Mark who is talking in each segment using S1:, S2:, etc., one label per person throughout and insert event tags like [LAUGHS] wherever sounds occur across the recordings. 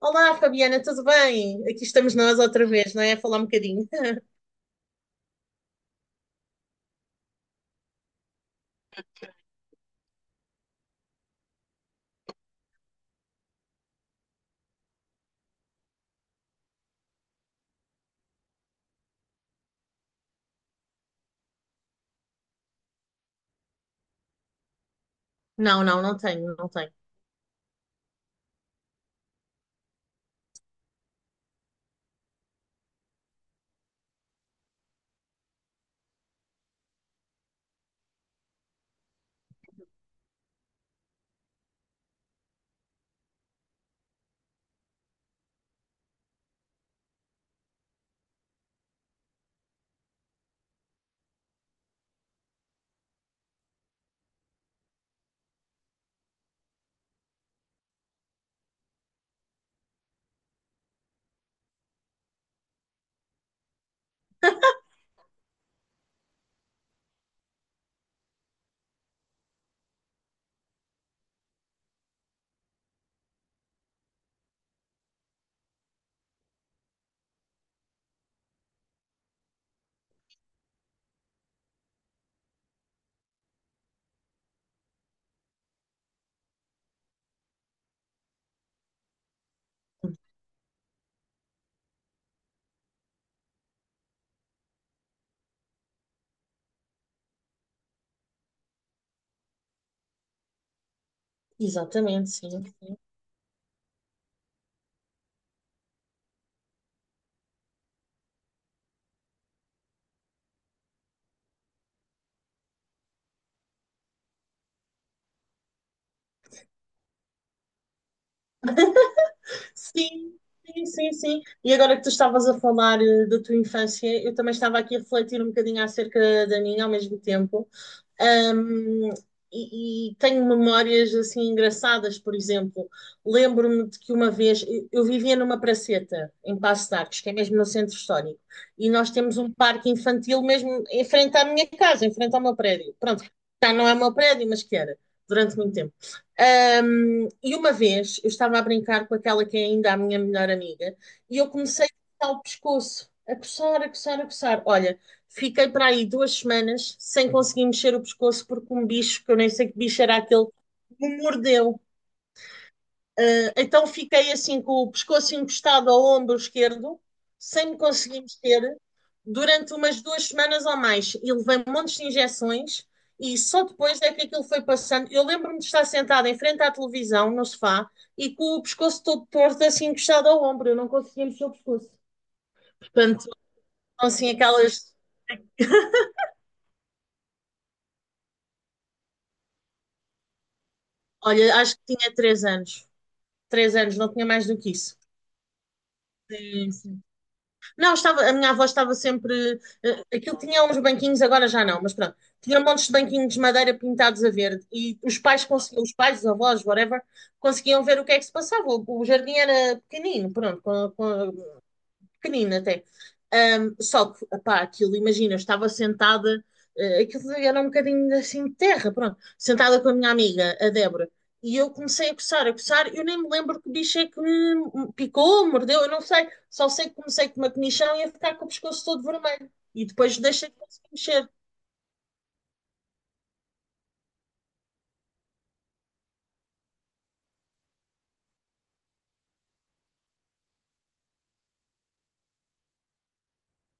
S1: Olá, Fabiana, tudo bem? Aqui estamos nós outra vez, não é? A falar um bocadinho. [LAUGHS] Não, não, não tenho, não tenho. Exatamente, sim. Sim, sim, sim, sim, sim. E agora que tu estavas a falar da tua infância, eu também estava aqui a refletir um bocadinho acerca da minha ao mesmo tempo. Um, e, tenho memórias assim engraçadas, por exemplo, lembro-me de que uma vez eu vivia numa praceta em Passo de Arcos, que é mesmo no centro histórico, e nós temos um parque infantil mesmo em frente à minha casa, em frente ao meu prédio. Pronto, já não é o meu prédio, mas que era durante muito tempo. E uma vez eu estava a brincar com aquela que é ainda a minha melhor amiga e eu comecei a coçar o pescoço, a coçar, a coçar, a coçar. Olha, fiquei para aí 2 semanas sem conseguir mexer o pescoço porque um bicho, que eu nem sei que bicho era aquele, me mordeu. Então fiquei assim com o pescoço encostado ao ombro esquerdo, sem me conseguir mexer, durante umas 2 semanas ou mais. E levei montes de injeções e só depois é que aquilo foi passando. Eu lembro-me de estar sentada em frente à televisão, no sofá, e com o pescoço todo torto, assim encostado ao ombro. Eu não conseguia mexer o pescoço. Portanto, assim, aquelas. Olha, acho que tinha 3 anos. 3 anos, não tinha mais do que isso. Sim, sim. Não, estava, a minha avó estava sempre. Aquilo tinha uns banquinhos, agora já não, mas pronto. Tinha montes de banquinhos de madeira pintados a verde e os pais conseguiam, os pais, os avós, whatever, conseguiam ver o que é que se passava. O jardim era pequenino, pronto, com pequenino até. Só que, pá, aquilo, imagina, eu estava sentada, aquilo era um bocadinho assim de terra, pronto, sentada com a minha amiga, a Débora, e eu comecei a coçar, eu nem me lembro que bicho é que me picou, mordeu, eu não sei, só sei que comecei com uma comichão e a ficar com o pescoço todo vermelho, e depois deixei de conseguir mexer.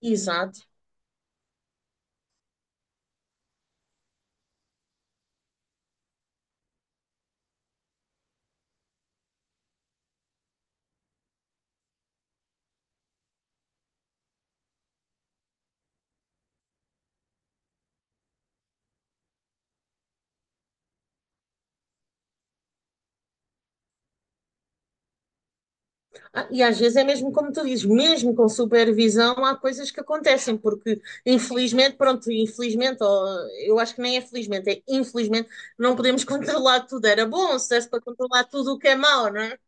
S1: Exato. Ah, e às vezes é mesmo como tu dizes, mesmo com supervisão, há coisas que acontecem, porque infelizmente, pronto, infelizmente, ou, eu acho que nem é felizmente, é infelizmente, não podemos [LAUGHS] controlar tudo. Era bom se desse para controlar tudo o que é mau, não é?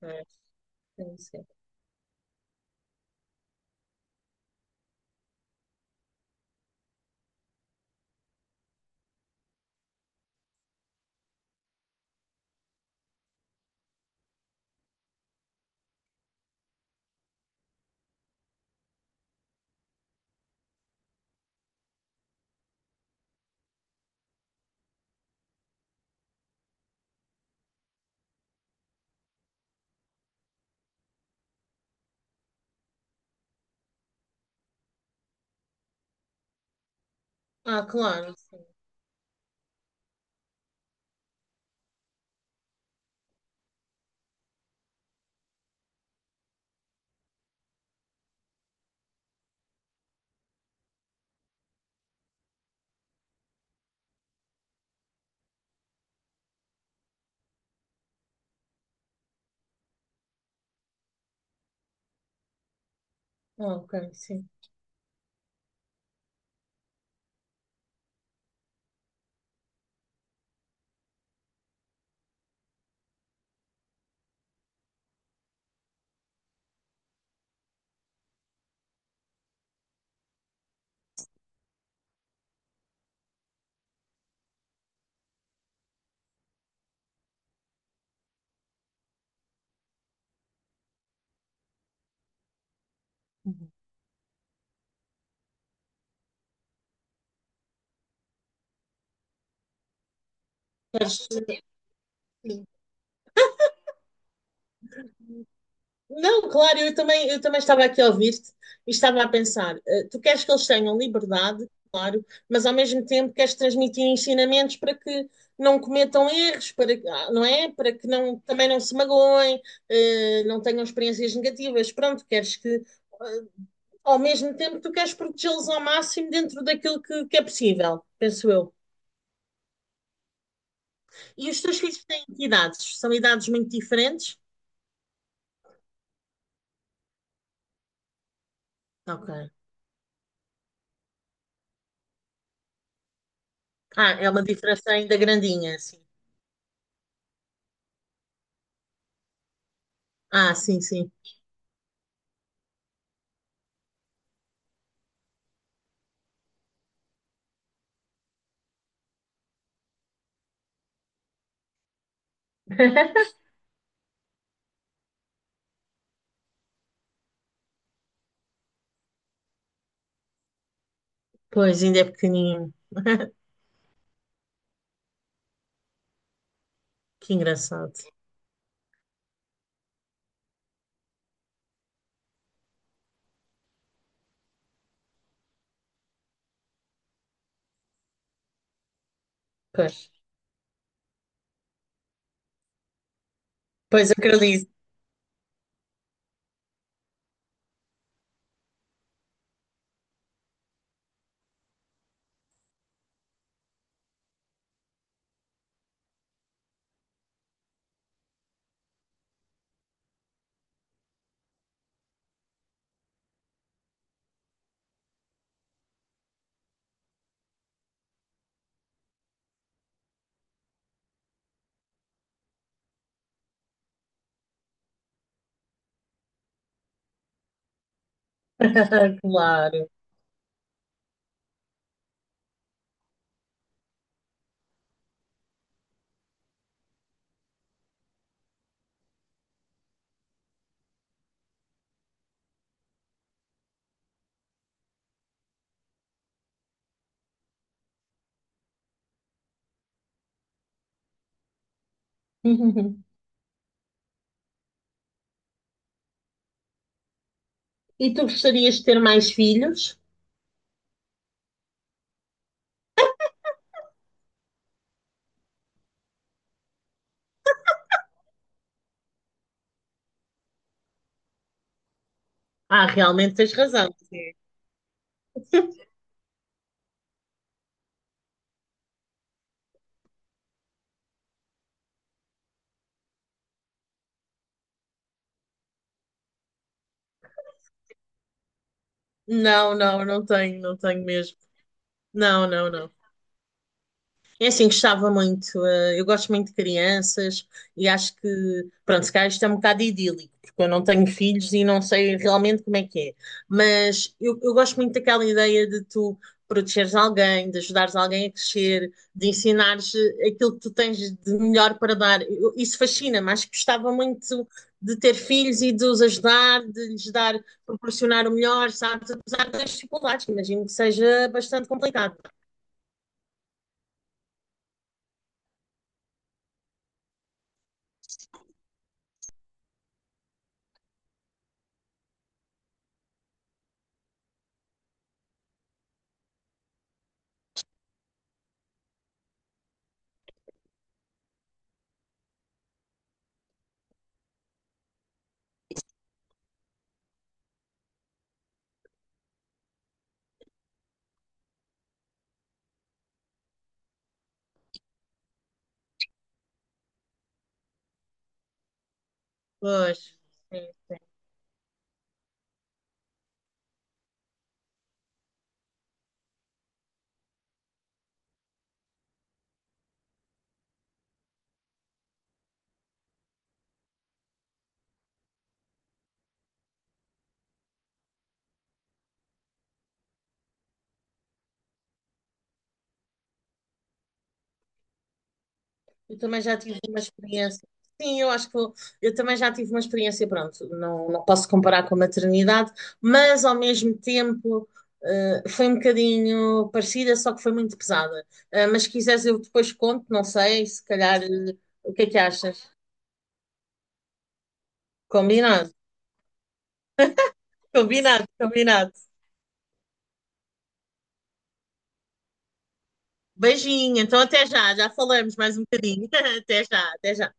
S1: Pois, sim, sim. Ah, claro. Ok, sim. Queres. Não, claro, eu também estava aqui a ouvir-te e estava a pensar, tu queres que eles tenham liberdade, claro, mas ao mesmo tempo queres transmitir ensinamentos para que não cometam erros, para, não é? Para que não, também não se magoem, não tenham experiências negativas. Pronto, queres que, eh, ao mesmo tempo, tu queres protegê-los ao máximo dentro daquilo que é possível, penso eu. E os teus filhos têm que idades? São idades muito diferentes? Ok. Ah, é uma diferença ainda grandinha, sim. Ah, sim, sim. [LAUGHS] Pois, ainda é pequenininho. [LAUGHS] Que engraçado. Pois, pois acredito. [LAUGHS] Claro. [LAUGHS] E tu gostarias de ter mais filhos? Ah, realmente tens razão. Sim. Não, não, não tenho, não tenho mesmo. Não, não, não. É assim, gostava muito. Eu gosto muito de crianças e acho que, pronto, se calhar isto é um bocado idílico, porque eu não tenho filhos e não sei realmente como é que é. Mas eu gosto muito daquela ideia de tu protegeres alguém, de ajudares alguém a crescer, de ensinares aquilo que tu tens de melhor para dar. Isso fascina-me. Acho que gostava muito de ter filhos e de os ajudar, de lhes dar, proporcionar o melhor, sabes? Apesar das dificuldades, que imagino que seja bastante complicado. Pois. Eu também já tive uma experiência. Sim, eu acho que eu também já tive uma experiência, pronto, não, não posso comparar com a maternidade, mas ao mesmo tempo foi um bocadinho parecida, só que foi muito pesada. Mas se quiseres eu depois conto, não sei, se calhar, o que é que achas? Combinado, combinado, combinado. Beijinho, então até já, já falamos mais um bocadinho. [LAUGHS] Até já, até já.